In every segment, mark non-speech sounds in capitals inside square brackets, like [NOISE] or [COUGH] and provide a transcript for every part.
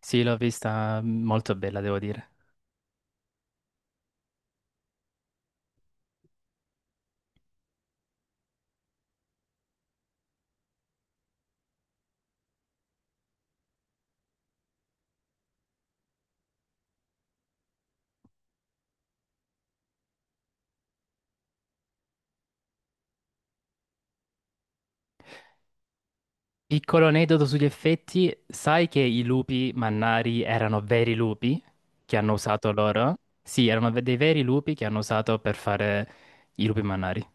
Sì, l'ho vista molto bella, devo dire. Piccolo aneddoto sugli effetti, sai che i lupi mannari erano veri lupi che hanno usato loro? Sì, erano dei veri lupi che hanno usato per fare i lupi mannari.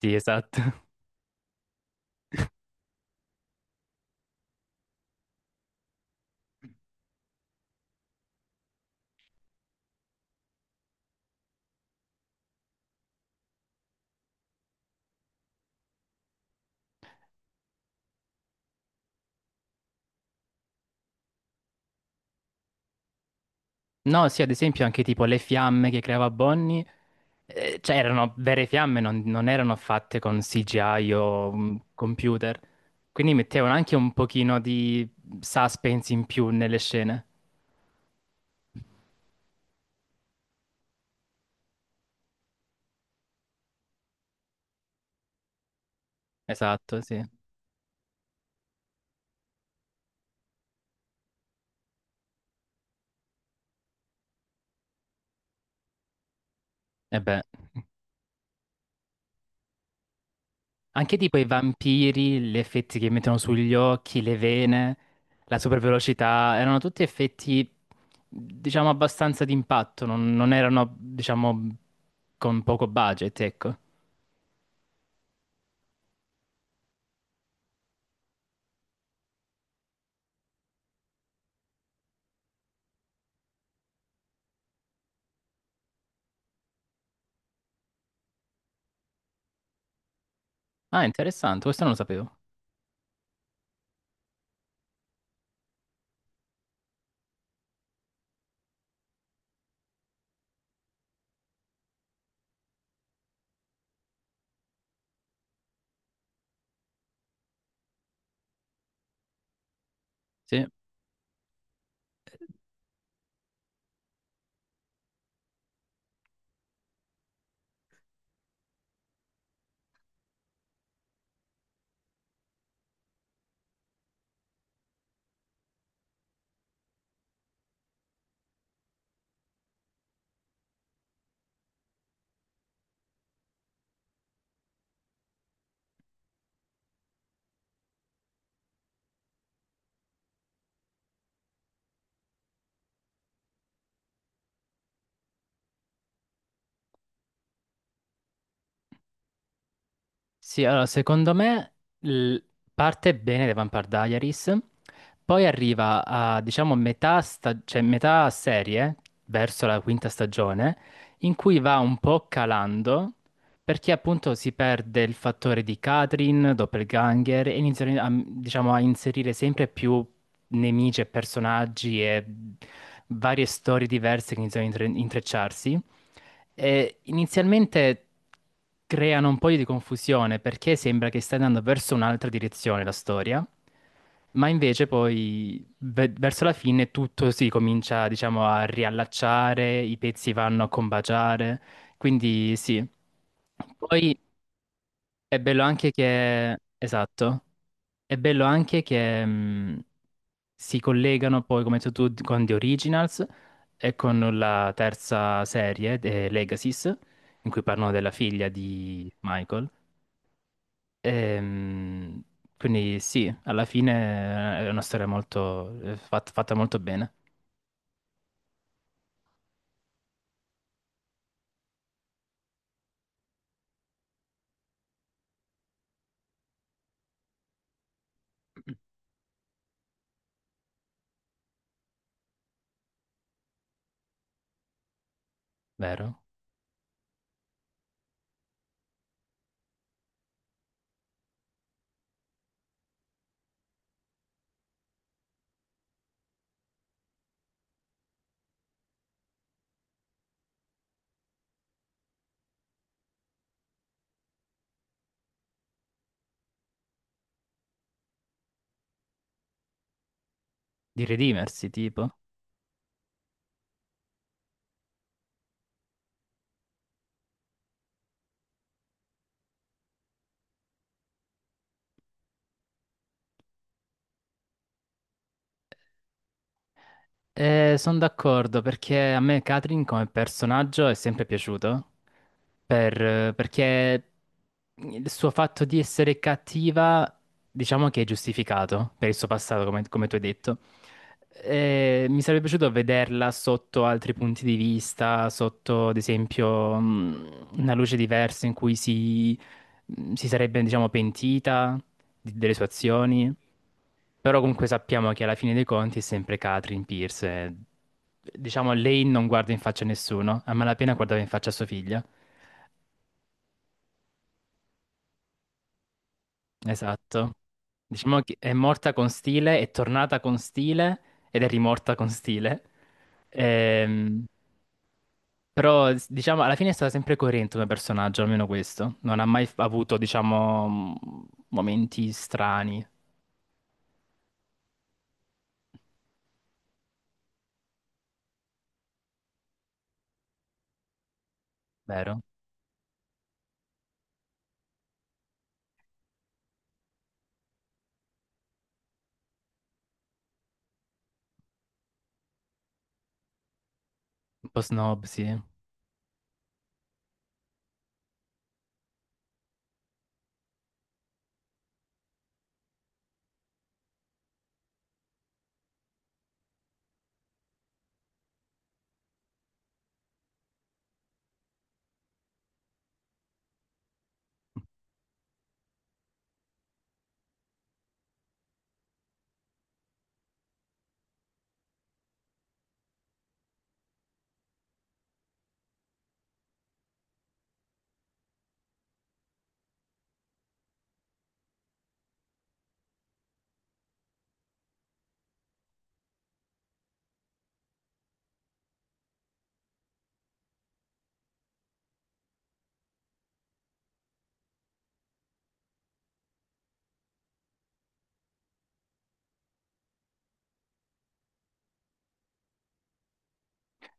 Sì, esatto. [LAUGHS] No, sì, ad esempio anche tipo le fiamme che creava Bonnie, cioè erano vere fiamme, non erano fatte con CGI o computer. Quindi mettevano anche un pochino di suspense in più nelle scene. Esatto, sì. E beh. Anche tipo i vampiri, gli effetti che mettono sugli occhi, le vene, la supervelocità, erano tutti effetti, diciamo, abbastanza d'impatto, non erano, diciamo, con poco budget, ecco. Ah, interessante, questo non lo sapevo. Sì. Sì, allora, secondo me l- parte bene The Vampire Diaries, poi arriva a, diciamo, metà, cioè, metà serie, verso la quinta stagione, in cui va un po' calando, perché appunto si perde il fattore di Katrin, doppelganger, e iniziano a, diciamo, a inserire sempre più nemici e personaggi e varie storie diverse che iniziano a intrecciarsi. E inizialmente creano un po' di confusione perché sembra che stia andando verso un'altra direzione la storia, ma invece poi verso la fine tutto si comincia, diciamo, a riallacciare, i pezzi vanno a combaciare, quindi sì. Poi è bello anche che, esatto, è bello anche che si collegano poi, come hai detto tu, con The Originals e con la terza serie, The Legacies, in cui parlano della figlia di Michael. Ehm, quindi sì, alla fine è una storia molto, fatta molto bene, vero? Di redimersi, tipo. Sono d'accordo perché a me Katrin come personaggio è sempre piaciuto, perché il suo fatto di essere cattiva, diciamo che è giustificato per il suo passato, come tu hai detto. Mi sarebbe piaciuto vederla sotto altri punti di vista, sotto, ad esempio, una luce diversa in cui si sarebbe, diciamo, pentita delle sue azioni, però comunque sappiamo che alla fine dei conti è sempre Catherine Pierce. E, diciamo, lei non guarda in faccia a nessuno, a malapena guardava in faccia a sua figlia. Esatto. Diciamo che è morta con stile, è tornata con stile ed è rimorta con stile. Ehm, Però, diciamo, alla fine è stata sempre coerente come personaggio, almeno questo. Non ha mai avuto, diciamo, momenti strani, vero? Un po' snob, sì.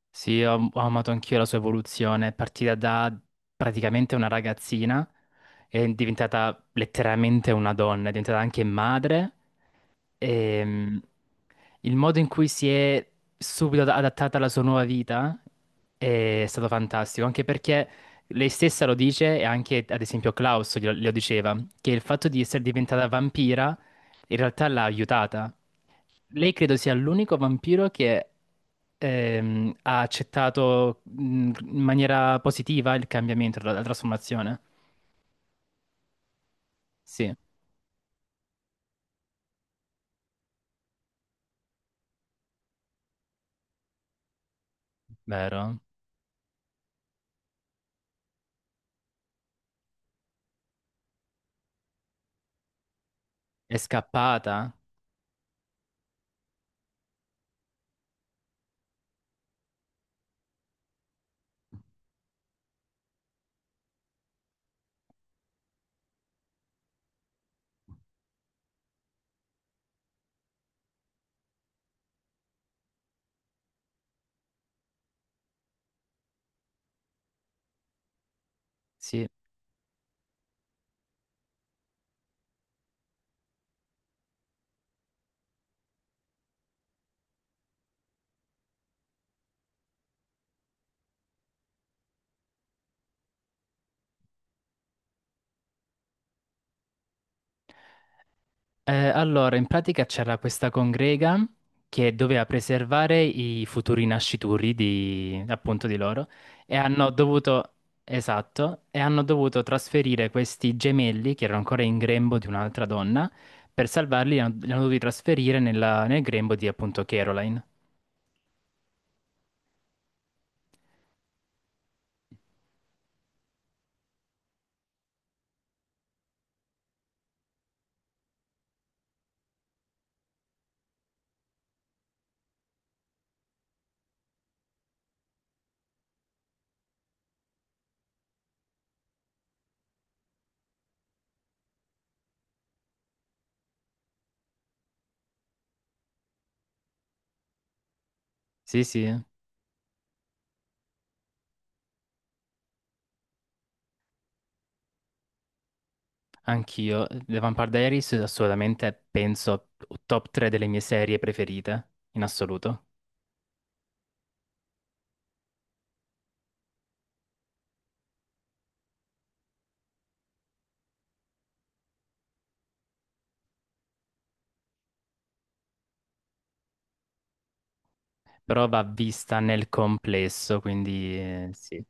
Sì, ho amato anch'io la sua evoluzione. È partita da praticamente una ragazzina, è diventata letteralmente una donna, è diventata anche madre. Ehm, il modo in cui si è subito adattata alla sua nuova vita è stato fantastico, anche perché lei stessa lo dice e anche, ad esempio, Klaus glielo diceva, che il fatto di essere diventata vampira in realtà l'ha aiutata. Lei credo sia l'unico vampiro che ha accettato in maniera positiva il cambiamento, la trasformazione. Sì, vero. È scappata. Sì. Allora, in pratica c'era questa congrega che doveva preservare i futuri nascituri di, appunto di loro e hanno dovuto, esatto, e hanno dovuto trasferire questi gemelli che erano ancora in grembo di un'altra donna, per salvarli li hanno dovuti trasferire nel grembo di appunto Caroline. Sì, sì, anch'io. The Vampire Diaries è assolutamente, penso, top 3 delle mie serie preferite, in assoluto. Però va vista nel complesso, quindi sì,